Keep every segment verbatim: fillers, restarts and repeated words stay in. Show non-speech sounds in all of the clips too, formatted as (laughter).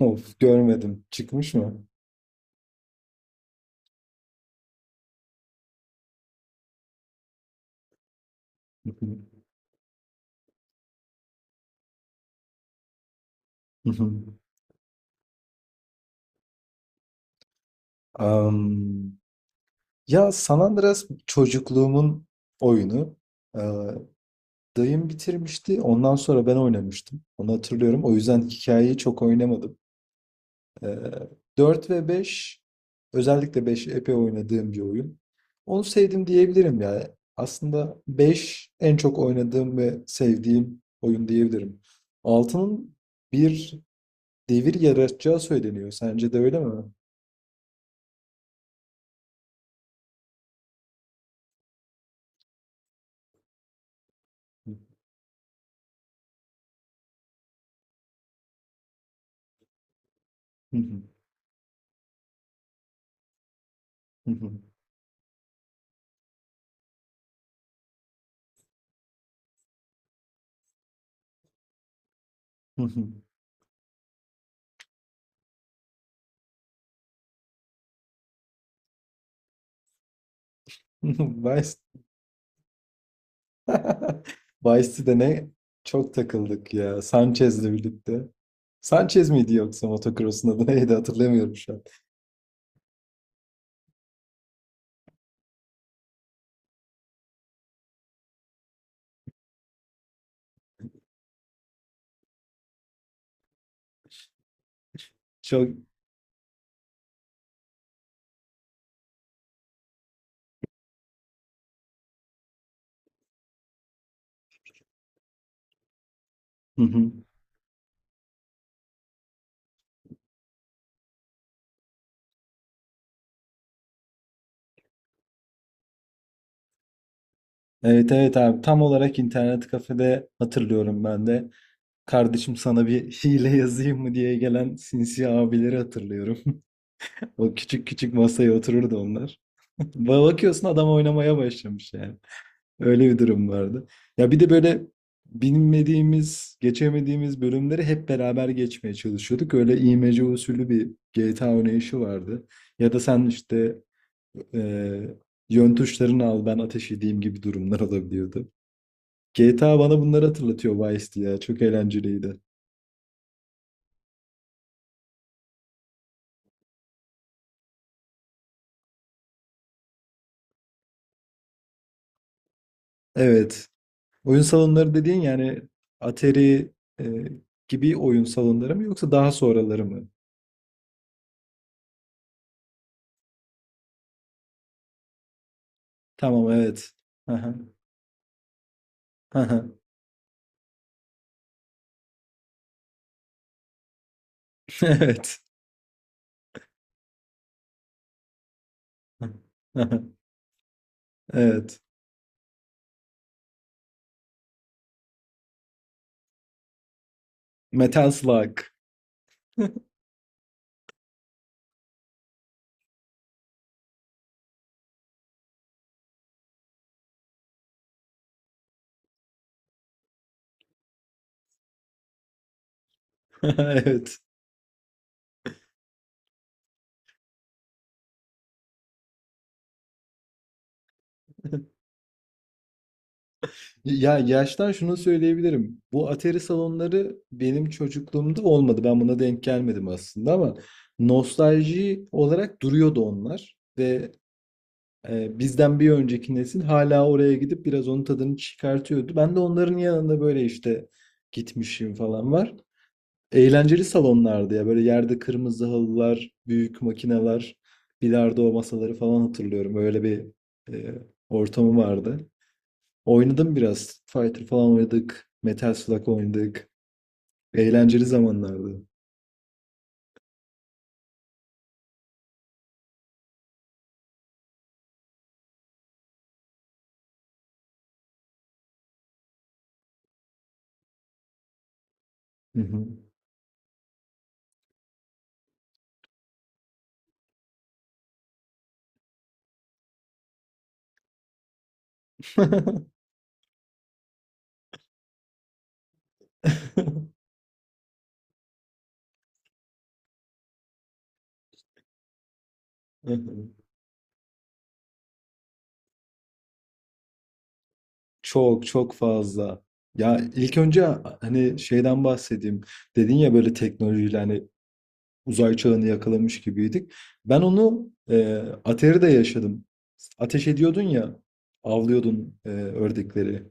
Of, görmedim. Çıkmış mı? Hı hı. Hı hı. Am, ya San Andreas çocukluğumun oyunu. Ee, dayım bitirmişti. Ondan sonra ben oynamıştım. Onu hatırlıyorum. O yüzden hikayeyi çok oynamadım. Ee, dört ve beş, özellikle beş epey oynadığım bir oyun. Onu sevdim diyebilirim ya. Aslında beş en çok oynadığım ve sevdiğim oyun diyebilirim. Altının bir devir yaratacağı söyleniyor. Sence de öyle mi? (laughs) Vice (laughs) Vice'de ne çok takıldık ya. Sanchez'le birlikte. Sanchez miydi yoksa motocross'un adı neydi hatırlamıyorum şu an. Çok. Hı hı. Evet evet abi tam olarak internet kafede hatırlıyorum ben de. Kardeşim sana bir hile yazayım mı diye gelen sinsi abileri hatırlıyorum. (laughs) O küçük küçük masaya otururdu onlar. (laughs) Ba- Bakıyorsun adam oynamaya başlamış yani. Öyle bir durum vardı. Ya bir de böyle bilmediğimiz, geçemediğimiz bölümleri hep beraber geçmeye çalışıyorduk. Öyle imece usulü bir G T A oynayışı vardı. Ya da sen işte e, yön tuşlarını al ben ateş edeyim gibi durumlar olabiliyordu. G T A bana bunları hatırlatıyor Vice ya. Çok eğlenceliydi. Evet. Oyun salonları dediğin yani Atari e, gibi oyun salonları mı yoksa daha sonraları mı? Tamam evet. Aha, aha. (laughs) Evet. Aha, evet. Metal Slug. (laughs) Evet. Ya yaştan şunu söyleyebilirim. Bu Atari salonları benim çocukluğumda olmadı. Ben buna denk gelmedim aslında ama nostalji olarak duruyordu onlar ve Eee, bizden bir önceki nesil hala oraya gidip biraz onun tadını çıkartıyordu. Ben de onların yanında böyle, işte, gitmişim falan var. Eğlenceli salonlardı ya. Böyle yerde kırmızı halılar, büyük makineler, bilardo masaları falan hatırlıyorum. Öyle bir, eee, ortamı vardı. Oynadım biraz. Fighter falan oynadık. Metal Slug oynadık. Eğlenceli zamanlardı. Hı hı. (laughs) Çok çok fazla. Ya ilk önce hani şeyden bahsedeyim. Dedin ya böyle teknolojiyle hani uzay çağını yakalamış gibiydik. Ben onu e, Atari'de yaşadım. Ateş ediyordun ya, avlıyordun e, ördekleri.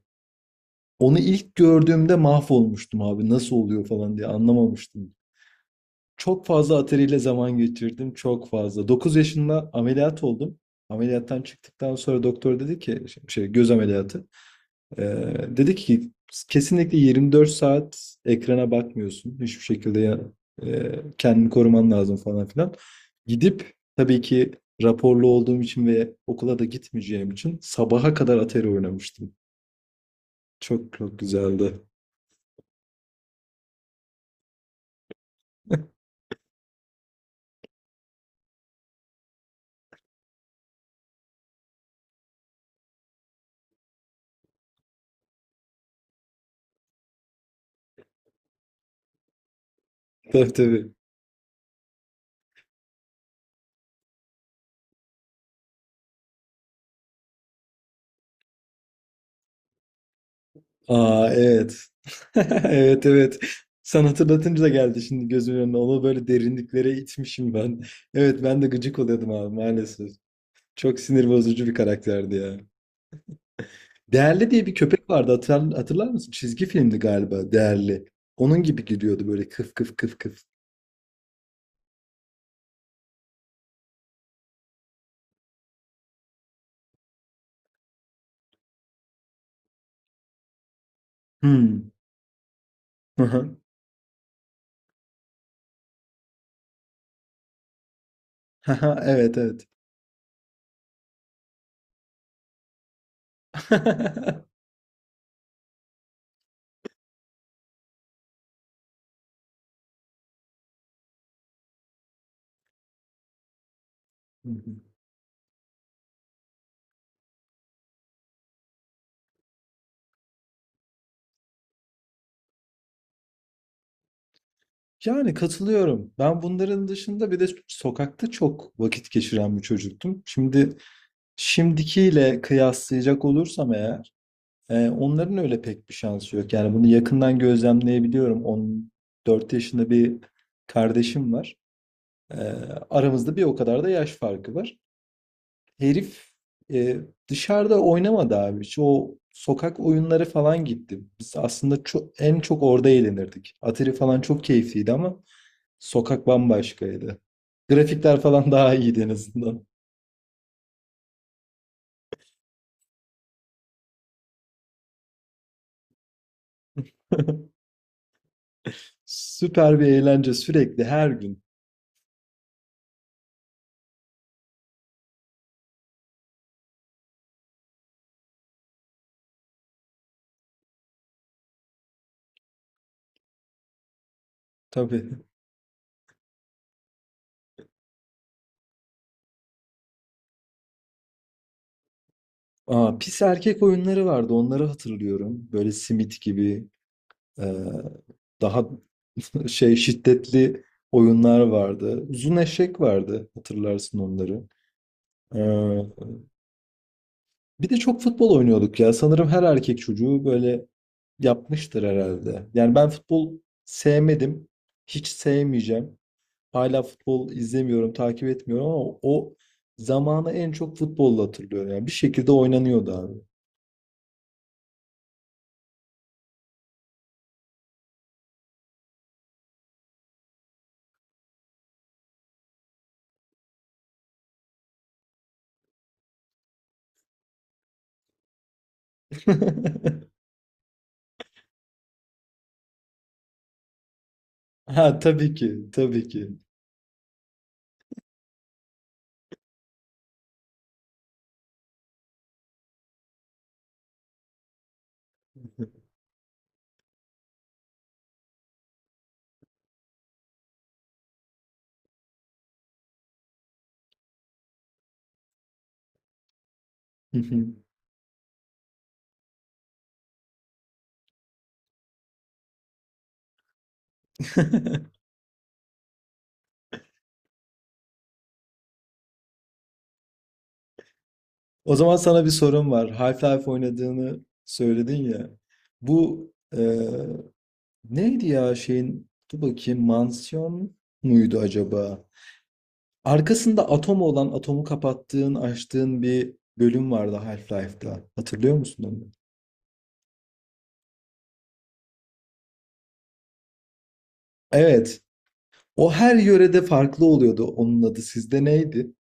Onu ilk gördüğümde mahvolmuştum abi. Nasıl oluyor falan diye anlamamıştım. Çok fazla Atari ile zaman geçirdim. Çok fazla. Dokuz yaşında ameliyat oldum. Ameliyattan çıktıktan sonra doktor dedi ki şey, şey, göz ameliyatı. Ee, dedi ki kesinlikle yirmi dört saat ekrana bakmıyorsun. Hiçbir şekilde ya, e, kendini koruman lazım falan filan. Gidip tabii ki raporlu olduğum için ve okula da gitmeyeceğim için sabaha kadar Atari oynamıştım. Çok çok güzeldi. (laughs) Tabii tabii. Aa, evet. (laughs) Evet evet. Sen hatırlatınca da geldi şimdi gözümün önüne. Onu böyle derinliklere itmişim ben. Evet, ben de gıcık oluyordum abi maalesef. Çok sinir bozucu bir karakterdi ya. Değerli diye bir köpek vardı, hatırlar, hatırlar mısın? Çizgi filmdi galiba Değerli. Onun gibi giriyordu böyle kıf kıf kıf kıf. Hmm. Hı hı. Hı hı, evet evet. (laughs) Yani katılıyorum. Ben bunların dışında bir de sokakta çok vakit geçiren bir çocuktum. Şimdi şimdikiyle kıyaslayacak olursam eğer e, onların öyle pek bir şansı yok. Yani bunu yakından gözlemleyebiliyorum. On dört yaşında bir kardeşim var. E, aramızda bir o kadar da yaş farkı var. Herif e, dışarıda oynamadı abi. Şu o sokak oyunları falan gitti. Biz aslında ço- en çok orada eğlenirdik. Atari falan çok keyifliydi ama sokak bambaşkaydı. Grafikler falan daha iyiydi en azından. (laughs) Süper bir eğlence sürekli her gün. Tabii. Aa, pis erkek oyunları vardı, onları hatırlıyorum. Böyle simit gibi e, daha (laughs) şey şiddetli oyunlar vardı. Uzun eşek vardı, hatırlarsın onları. Ee, Bir de çok futbol oynuyorduk ya. Sanırım her erkek çocuğu böyle yapmıştır herhalde. Yani ben futbol sevmedim. Hiç sevmeyeceğim. Hala futbol izlemiyorum, takip etmiyorum ama o zamanı en çok futbolla hatırlıyorum. Yani bir şekilde oynanıyordu abi. (laughs) Ha tabii ki, tabii ki. Hı hı. (laughs) O zaman sana bir sorum var. Half-Life oynadığını söyledin ya. Bu Neydi ya şeyin? Dur bakayım, mansiyon muydu acaba? Arkasında atom olan, atomu kapattığın, açtığın bir bölüm vardı Half-Life'da. Hatırlıyor musun onu? Evet. O her yörede farklı oluyordu onun adı. Sizde neydi?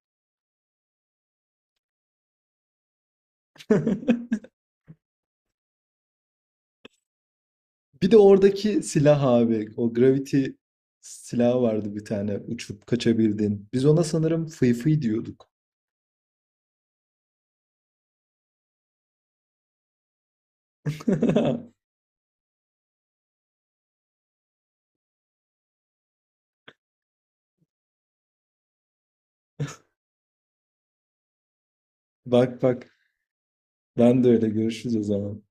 (laughs) Bir de oradaki silah abi. O gravity silahı vardı bir tane. Uçup kaçabildin. Biz ona sanırım fıy fıy diyorduk. (laughs) Bak bak. Ben de öyle. Görüşürüz o zaman.